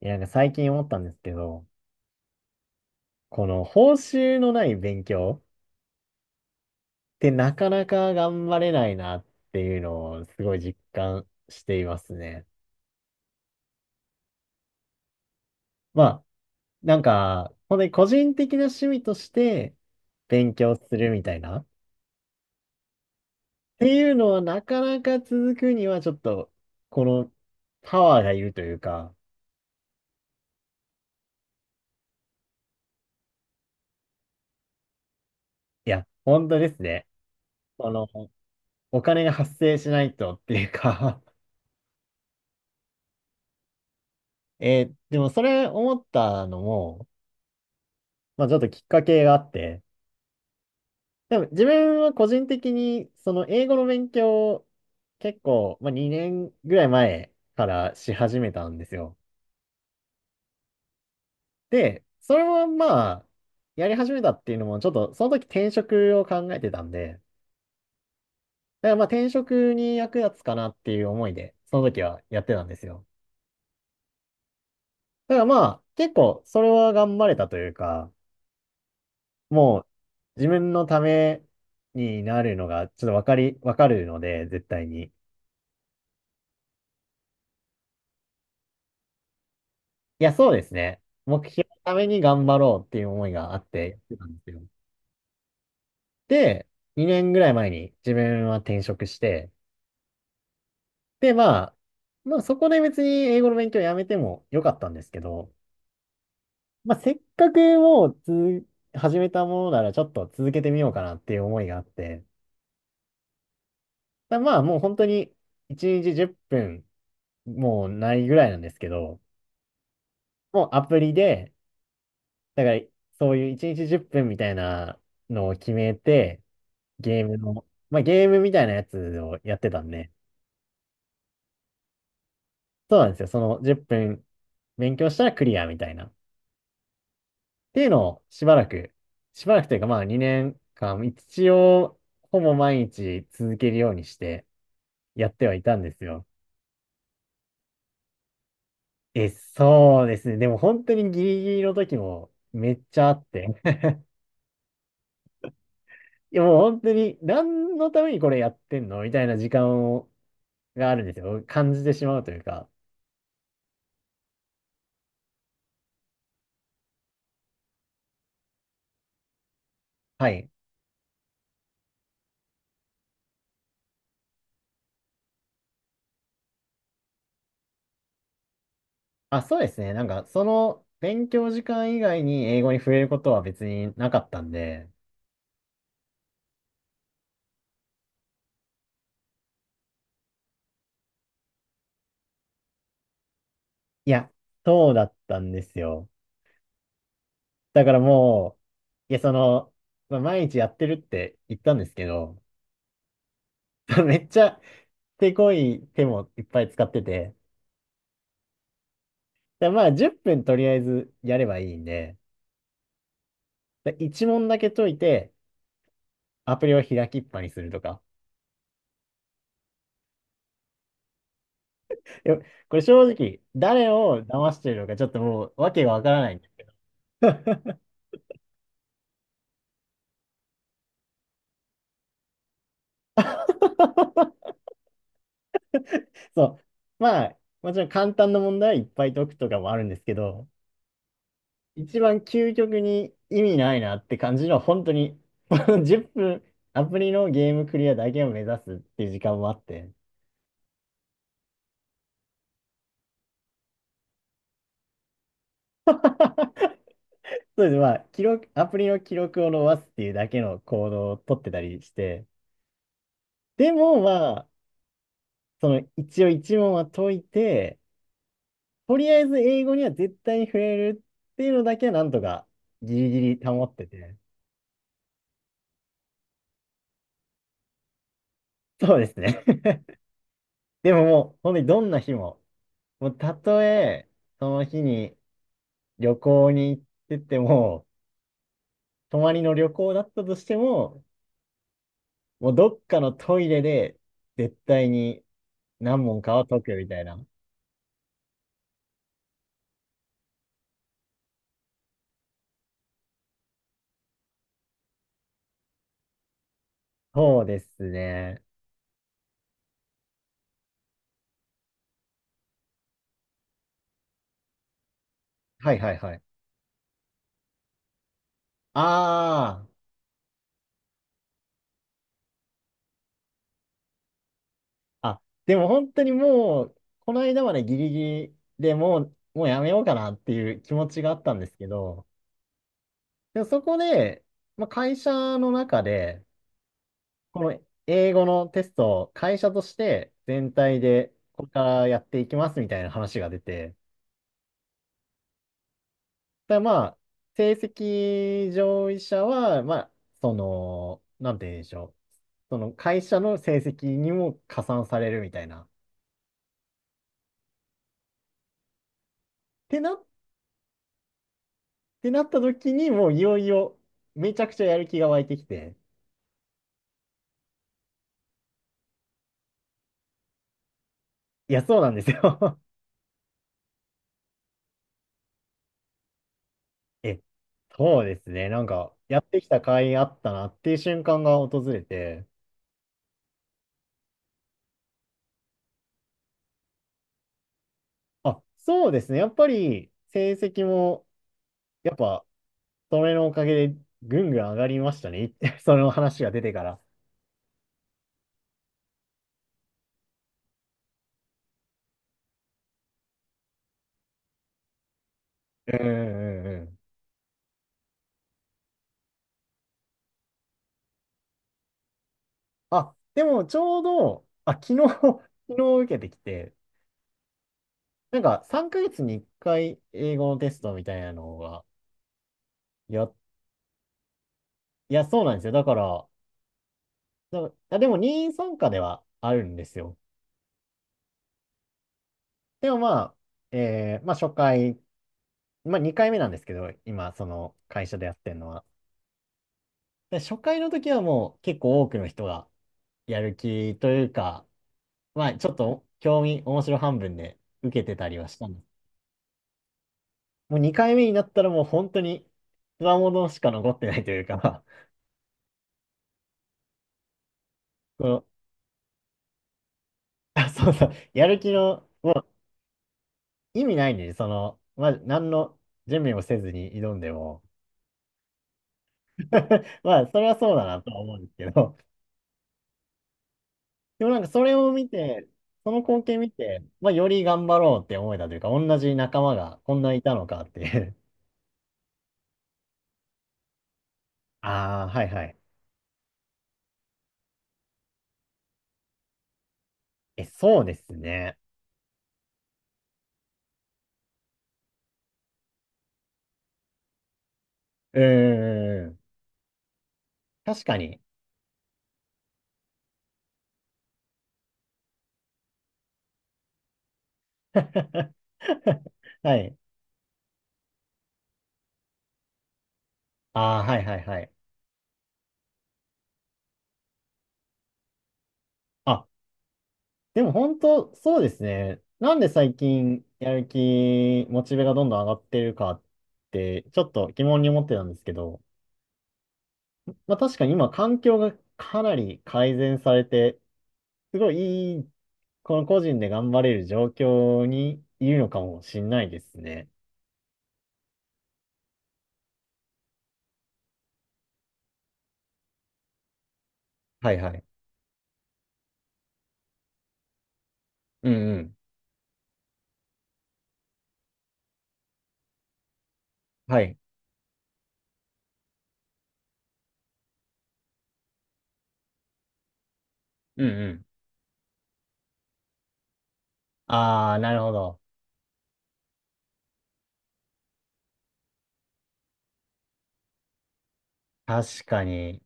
いや、なんか最近思ったんですけど、この報酬のない勉強ってなかなか頑張れないなっていうのをすごい実感していますね。まあ、なんか、本当に個人的な趣味として勉強するみたいなっていうのはなかなか続くにはちょっと、このパワーがいるというか、いや、本当ですね。この、お金が発生しないとっていうか。 えでもそれ思ったのも、まあちょっときっかけがあって、でも自分は個人的にその英語の勉強を結構、まあ、2年ぐらい前からし始めたんですよ。で、それもまあやり始めたっていうのもちょっとその時転職を考えてたんで、だからまあ転職に役立つかなっていう思いでその時はやってたんですよ。だからまあ結構それは頑張れたというか、もう自分のためになるのがちょっとわかるので絶対に。いや、そうですね。目標のために頑張ろうっていう思いがあってやってたんですよ。で、2年ぐらい前に自分は転職して、で、まあ、まあそこで別に英語の勉強やめてもよかったんですけど、まあせっかくもう始めたものならちょっと続けてみようかなっていう思いがあって、まあもう本当に1日10分もうないぐらいなんですけど、もうアプリで、だからそういう1日10分みたいなのを決めて、ゲームの、まあ、ゲームみたいなやつをやってたんで、そうなんですよ。その10分勉強したらクリアみたいな。っていうのをしばらく、しばらくというかまあ2年間、一応ほぼ毎日続けるようにしてやってはいたんですよ。え、そうですね。でも本当にギリギリの時もめっちゃあって。いやもう本当に何のためにこれやってんのみたいな時間をがあるんですよ。感じてしまうというか。はい。あ、そうですね。なんか、その勉強時間以外に英語に触れることは別になかったんで、いや、そうだったんですよ。だからもう、いや、その、まあ、毎日やってるって言ったんですけど、めっちゃ手こい手もいっぱい使ってて、でまあ、10分とりあえずやればいいんで、で1問だけ解いて、アプリを開きっぱにするとか。いやこれ正直、誰を騙してるのかちょっともうわけがわからない。そう。まあ、もちろん簡単な問題はいっぱい解くとかもあるんですけど、一番究極に意味ないなって感じのは本当に、この10分、アプリのゲームクリアだけを目指すっていう時間もあって、そうです。まあ、記録、アプリの記録を伸ばすっていうだけの行動を取ってたりして、でもまあ、その一応一問は解いて、とりあえず英語には絶対に触れるっていうのだけはなんとかギリギリ保ってて、そうですね。でももう、本当にどんな日も、もうたとえ、その日に旅行に行ってても、泊まりの旅行だったとしても、もうどっかのトイレで絶対に何問かは解くみたいな。そうですね。はいはいはい。ああ、あ、でも本当にもう、この間までギリギリでもう、もうやめようかなっていう気持ちがあったんですけど、でもそこで、まあ、会社の中で、この英語のテストを会社として全体でこれからやっていきますみたいな話が出て、ただまあ、成績上位者は、まあ、その、なんて言うんでしょう。その会社の成績にも加算されるみたいな。ってなった時にもういよいよめちゃくちゃやる気が湧いてきて。いや、そうなんですよ。 え、そうですね。なんか、やってきた甲斐あったなっていう瞬間が訪れて、あ、そうですね。やっぱり成績も、やっぱ、それのおかげでぐんぐん上がりましたね。その話が出てから。うんうんうんうん。あ、でもちょうど、あ、昨日 昨日受けてきて、なんか3ヶ月に1回英語のテストみたいなのが、や、いや、そうなんですよ。だから、でも任意参加ではあるんですよ。でもまあ、まあ初回、まあ2回目なんですけど、今、その会社でやってるのは。で初回の時はもう結構多くの人がやる気というか、まあちょっと興味、面白半分で受けてたりはしたんです。もう2回目になったらもう本当に強者しか残ってないというか、その、あ、そうそう、やる気の、もう意味ないんで、その、まあ何の準備もせずに挑んでも、まあそれはそうだなとは思うんですけど、でもなんかそれを見て、その光景見て、まあより頑張ろうって思えたというか、同じ仲間がこんないたのかっていう。ああ、はいはい。え、そうですね。うーん。確かに。はい。ああ、はいはいはい。あ、でも本当、そうですね。なんで最近やる気、モチベがどんどん上がってるかって、ちょっと疑問に思ってたんですけど、まあ確かに今環境がかなり改善されて、すごいいい、この個人で頑張れる状況にいるのかもしんないですね。はいはい。うんうん。はい。うん。ああ、なるほど。確かに。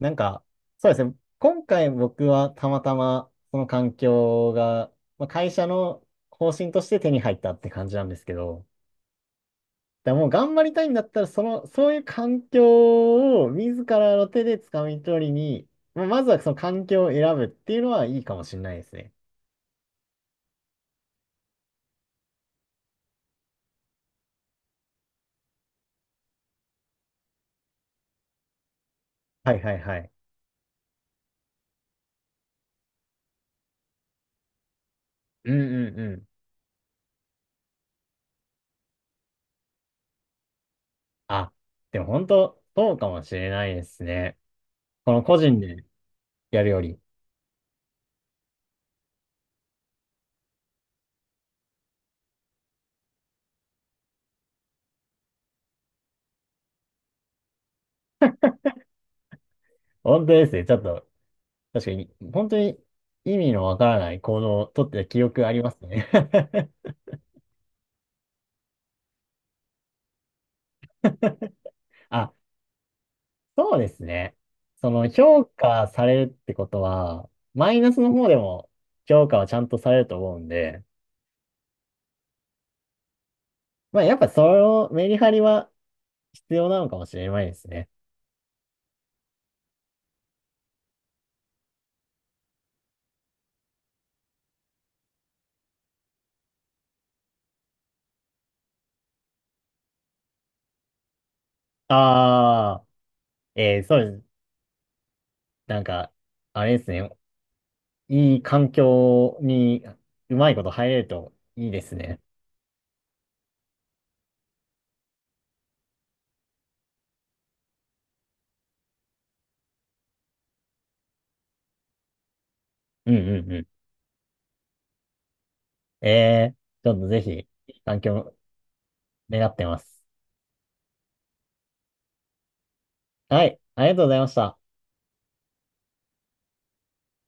なんか、そうですね。今回僕はたまたまその環境が、まあ、会社の方針として手に入ったって感じなんですけど、だからもう頑張りたいんだったら、その、そういう環境を自らの手で掴み取りに、まあまずはその環境を選ぶっていうのはいいかもしれないですね。はいはいはい。うんうんうん。あ、でも本当、そうかもしれないですね。この個人でやるより。本当ですね。ちょっと確かに、本当に意味のわからない行動をとってた記憶ありますね。 あ、そうですね。その評価されるってことは、マイナスの方でも評価はちゃんとされると思うんで、まあやっぱそのメリハリは必要なのかもしれないですね。ああ、そうです。なんか、あれですね。いい環境にうまいこと入れるといいですね。うんうんうん。ちょっとぜひ、いい環境願ってます。はい、ありがとうございました。